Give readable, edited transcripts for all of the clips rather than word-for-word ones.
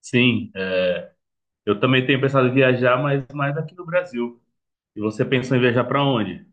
Sim, é. Eu também tenho pensado em viajar, mas mais aqui no Brasil. E você pensou em viajar para onde?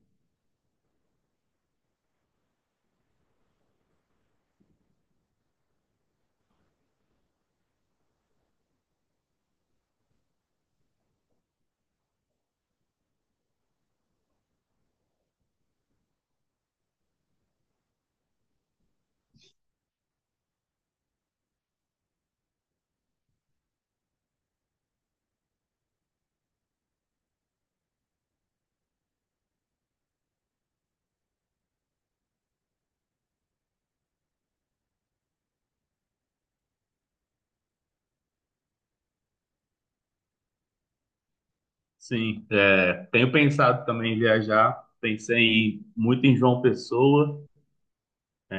Sim, é, tenho pensado também em viajar. Pensei muito em João Pessoa,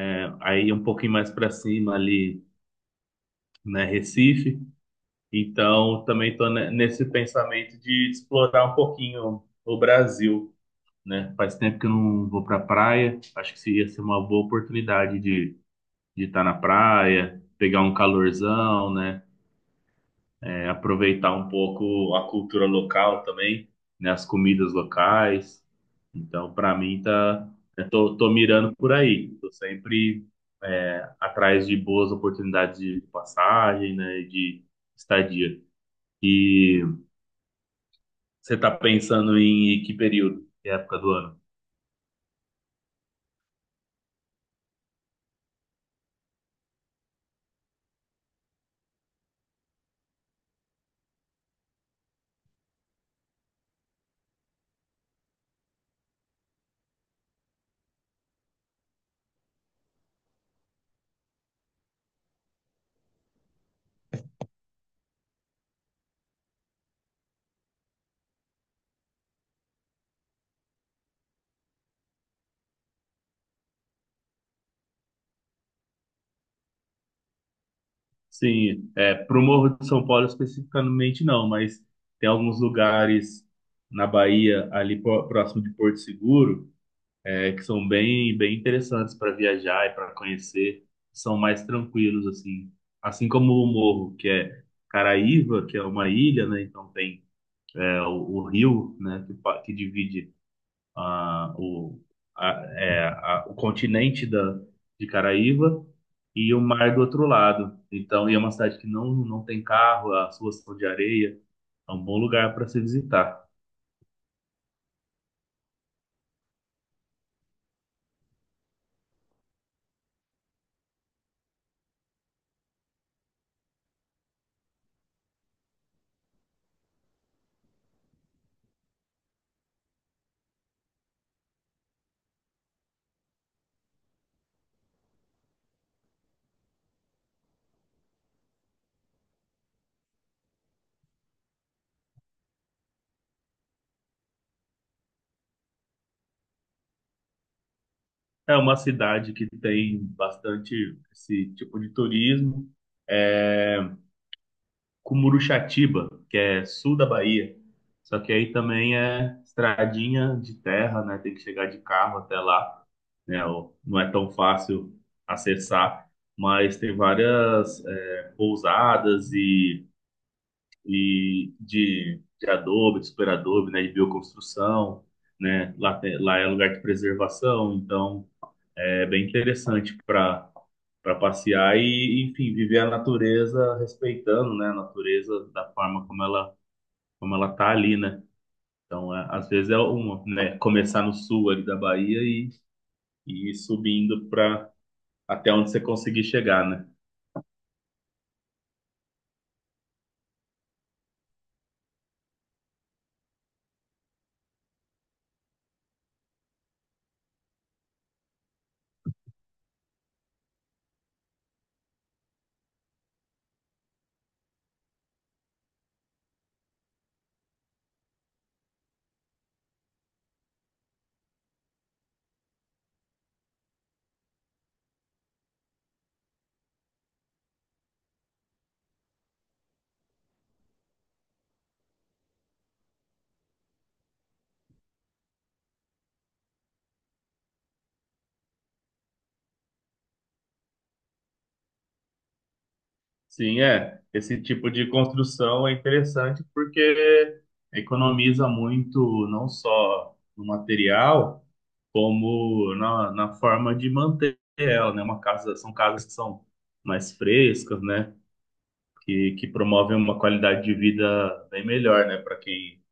é, aí um pouquinho mais para cima ali, né, Recife. Então, também estou nesse pensamento de explorar um pouquinho o Brasil, né? Faz tempo que eu não vou para praia. Acho que seria ser uma boa oportunidade de estar na praia, pegar um calorzão, né? é, aproveitar um pouco a cultura local também, né, as comidas locais. Então, para mim, tá, eu tô mirando por aí. Tô sempre é, atrás de boas oportunidades de passagem, né, de estadia. E você tá pensando em que período, que época do ano? Sim, é, para o Morro de São Paulo especificamente não, mas tem alguns lugares na Bahia, ali próximo de Porto Seguro, é que são bem, bem interessantes para viajar e para conhecer, são mais tranquilos assim. Assim como o Morro, que é Caraíva, que é uma ilha, né? Então tem é, o rio, né? Que, que divide ah, o, a, é, o continente da, de Caraíva e o mar do outro lado. Então, e é uma cidade que não, não tem carro, as ruas são de areia, é um bom lugar para se visitar. É uma cidade que tem bastante esse tipo de turismo. É Cumuruxatiba, que é sul da Bahia. Só que aí também é estradinha de terra, né? Tem que chegar de carro até lá, né? Não é tão fácil acessar, mas tem várias é, pousadas e de, adobe, de super adobe, né? De bioconstrução, né? Lá, lá é lugar de preservação, então é bem interessante para passear e, enfim, viver a natureza respeitando, né, a natureza da forma como ela tá ali, né? Então, é, às vezes é uma, né, começar no sul ali da Bahia e ir subindo para até onde você conseguir chegar, né? Sim, é. Esse tipo de construção é interessante porque economiza muito não só no material, como na forma de manter ela, né? Uma casa, são casas que são mais frescas, né? Que promovem uma qualidade de vida bem melhor, né, para quem,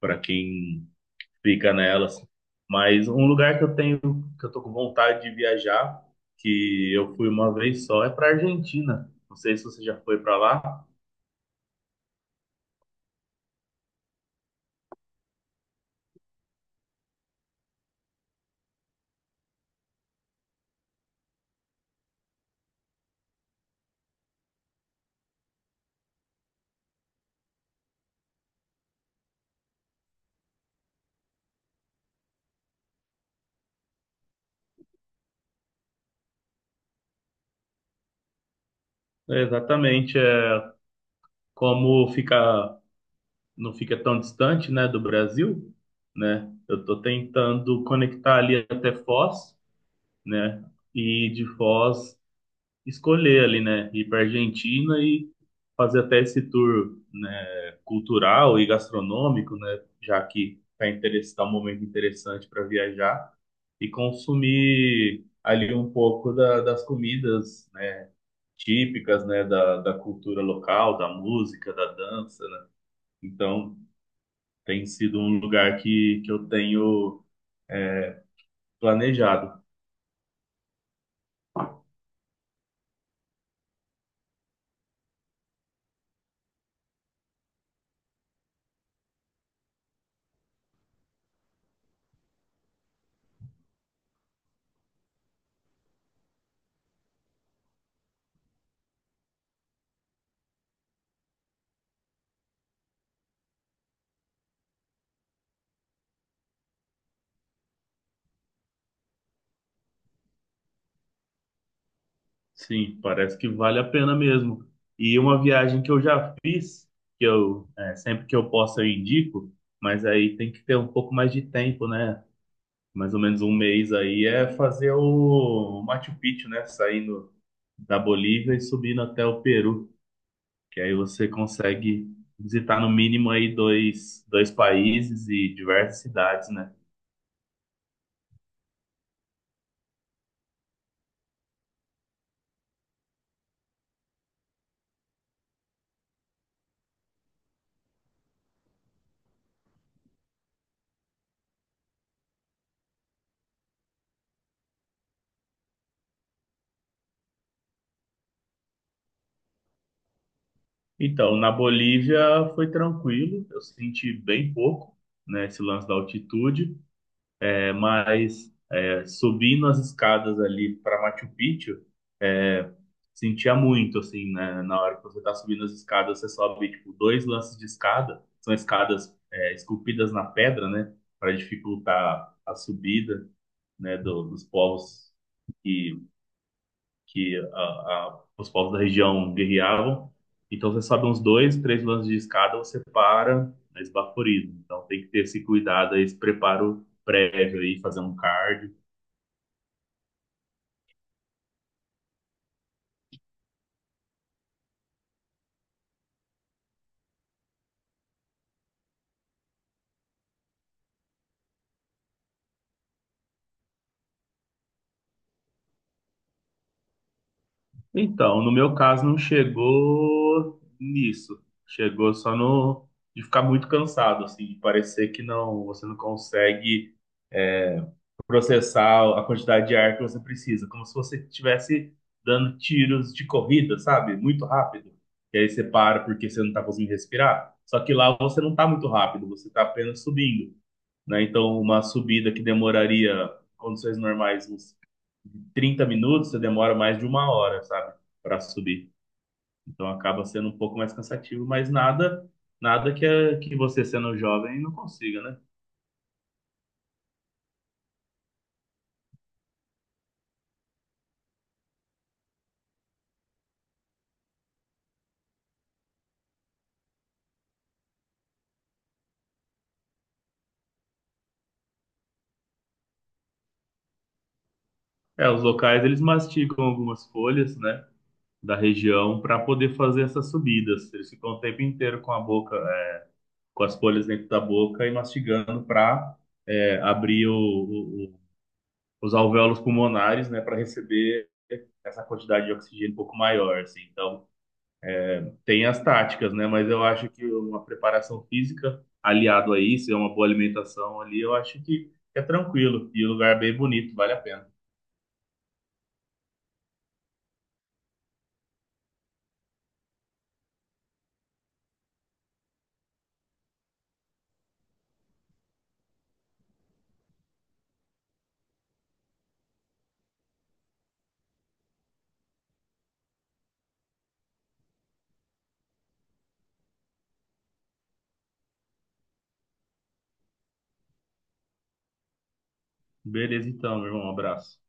para quem fica nelas. Mas um lugar que eu tenho, que eu tô com vontade de viajar, que eu fui uma vez só, é para Argentina. Não sei se você já foi para lá. É, exatamente, é como fica, não fica tão distante, né, do Brasil, né? Eu tô tentando conectar ali até Foz, né? E de Foz escolher ali, né, ir para Argentina e fazer até esse tour, né, cultural e gastronômico, né, já que está tá um momento interessante para viajar e consumir ali um pouco das comidas, né, típicas, né, da cultura local, da música, da dança, né? Então, tem sido um lugar que eu tenho planejado. Sim, parece que vale a pena mesmo. E uma viagem que eu já fiz, que eu é, sempre que eu posso eu indico, mas aí tem que ter um pouco mais de tempo, né? Mais ou menos um mês aí é fazer o Machu Picchu, né? Saindo da Bolívia e subindo até o Peru, que aí você consegue visitar no mínimo aí dois países e diversas cidades, né? Então, na Bolívia foi tranquilo, eu senti bem pouco, né? Esse lance da altitude, é, mas subindo as escadas ali para Machu Picchu, sentia muito, assim, né? Na hora que você tá subindo as escadas, você sobe, tipo, dois lances de escada. São escadas, é, esculpidas na pedra, né? Para dificultar a subida, né? Dos povos que, que os povos da região guerreavam. Então, você sobe uns dois, três lances de escada, você para, é esbaforido. Então, tem que ter esse cuidado aí, esse preparo prévio aí, fazer um cardio. Então, no meu caso, não chegou nisso. Chegou só no de ficar muito cansado, assim, de parecer que não, você não consegue processar a quantidade de ar que você precisa, como se você estivesse dando tiros de corrida, sabe? Muito rápido. E aí você para porque você não está conseguindo respirar. Só que lá você não está muito rápido, você está apenas subindo, né? Então, uma subida que demoraria, em condições normais, uns 30 minutos, você demora mais de uma hora, sabe? Para subir. Então acaba sendo um pouco mais cansativo, mas nada, nada que que você sendo jovem não consiga, né? É, os locais eles mastigam algumas folhas, né, da região para poder fazer essas subidas. Eles ficam o tempo inteiro com a boca, é, com as folhas dentro da boca e mastigando para abrir os alvéolos pulmonares, né, para receber essa quantidade de oxigênio um pouco maior, assim. Então, tem as táticas, né? Mas eu acho que uma preparação física aliado a isso, é uma boa alimentação ali, eu acho que é tranquilo. E o lugar é bem bonito, vale a pena. Beleza, então, meu irmão. Um abraço.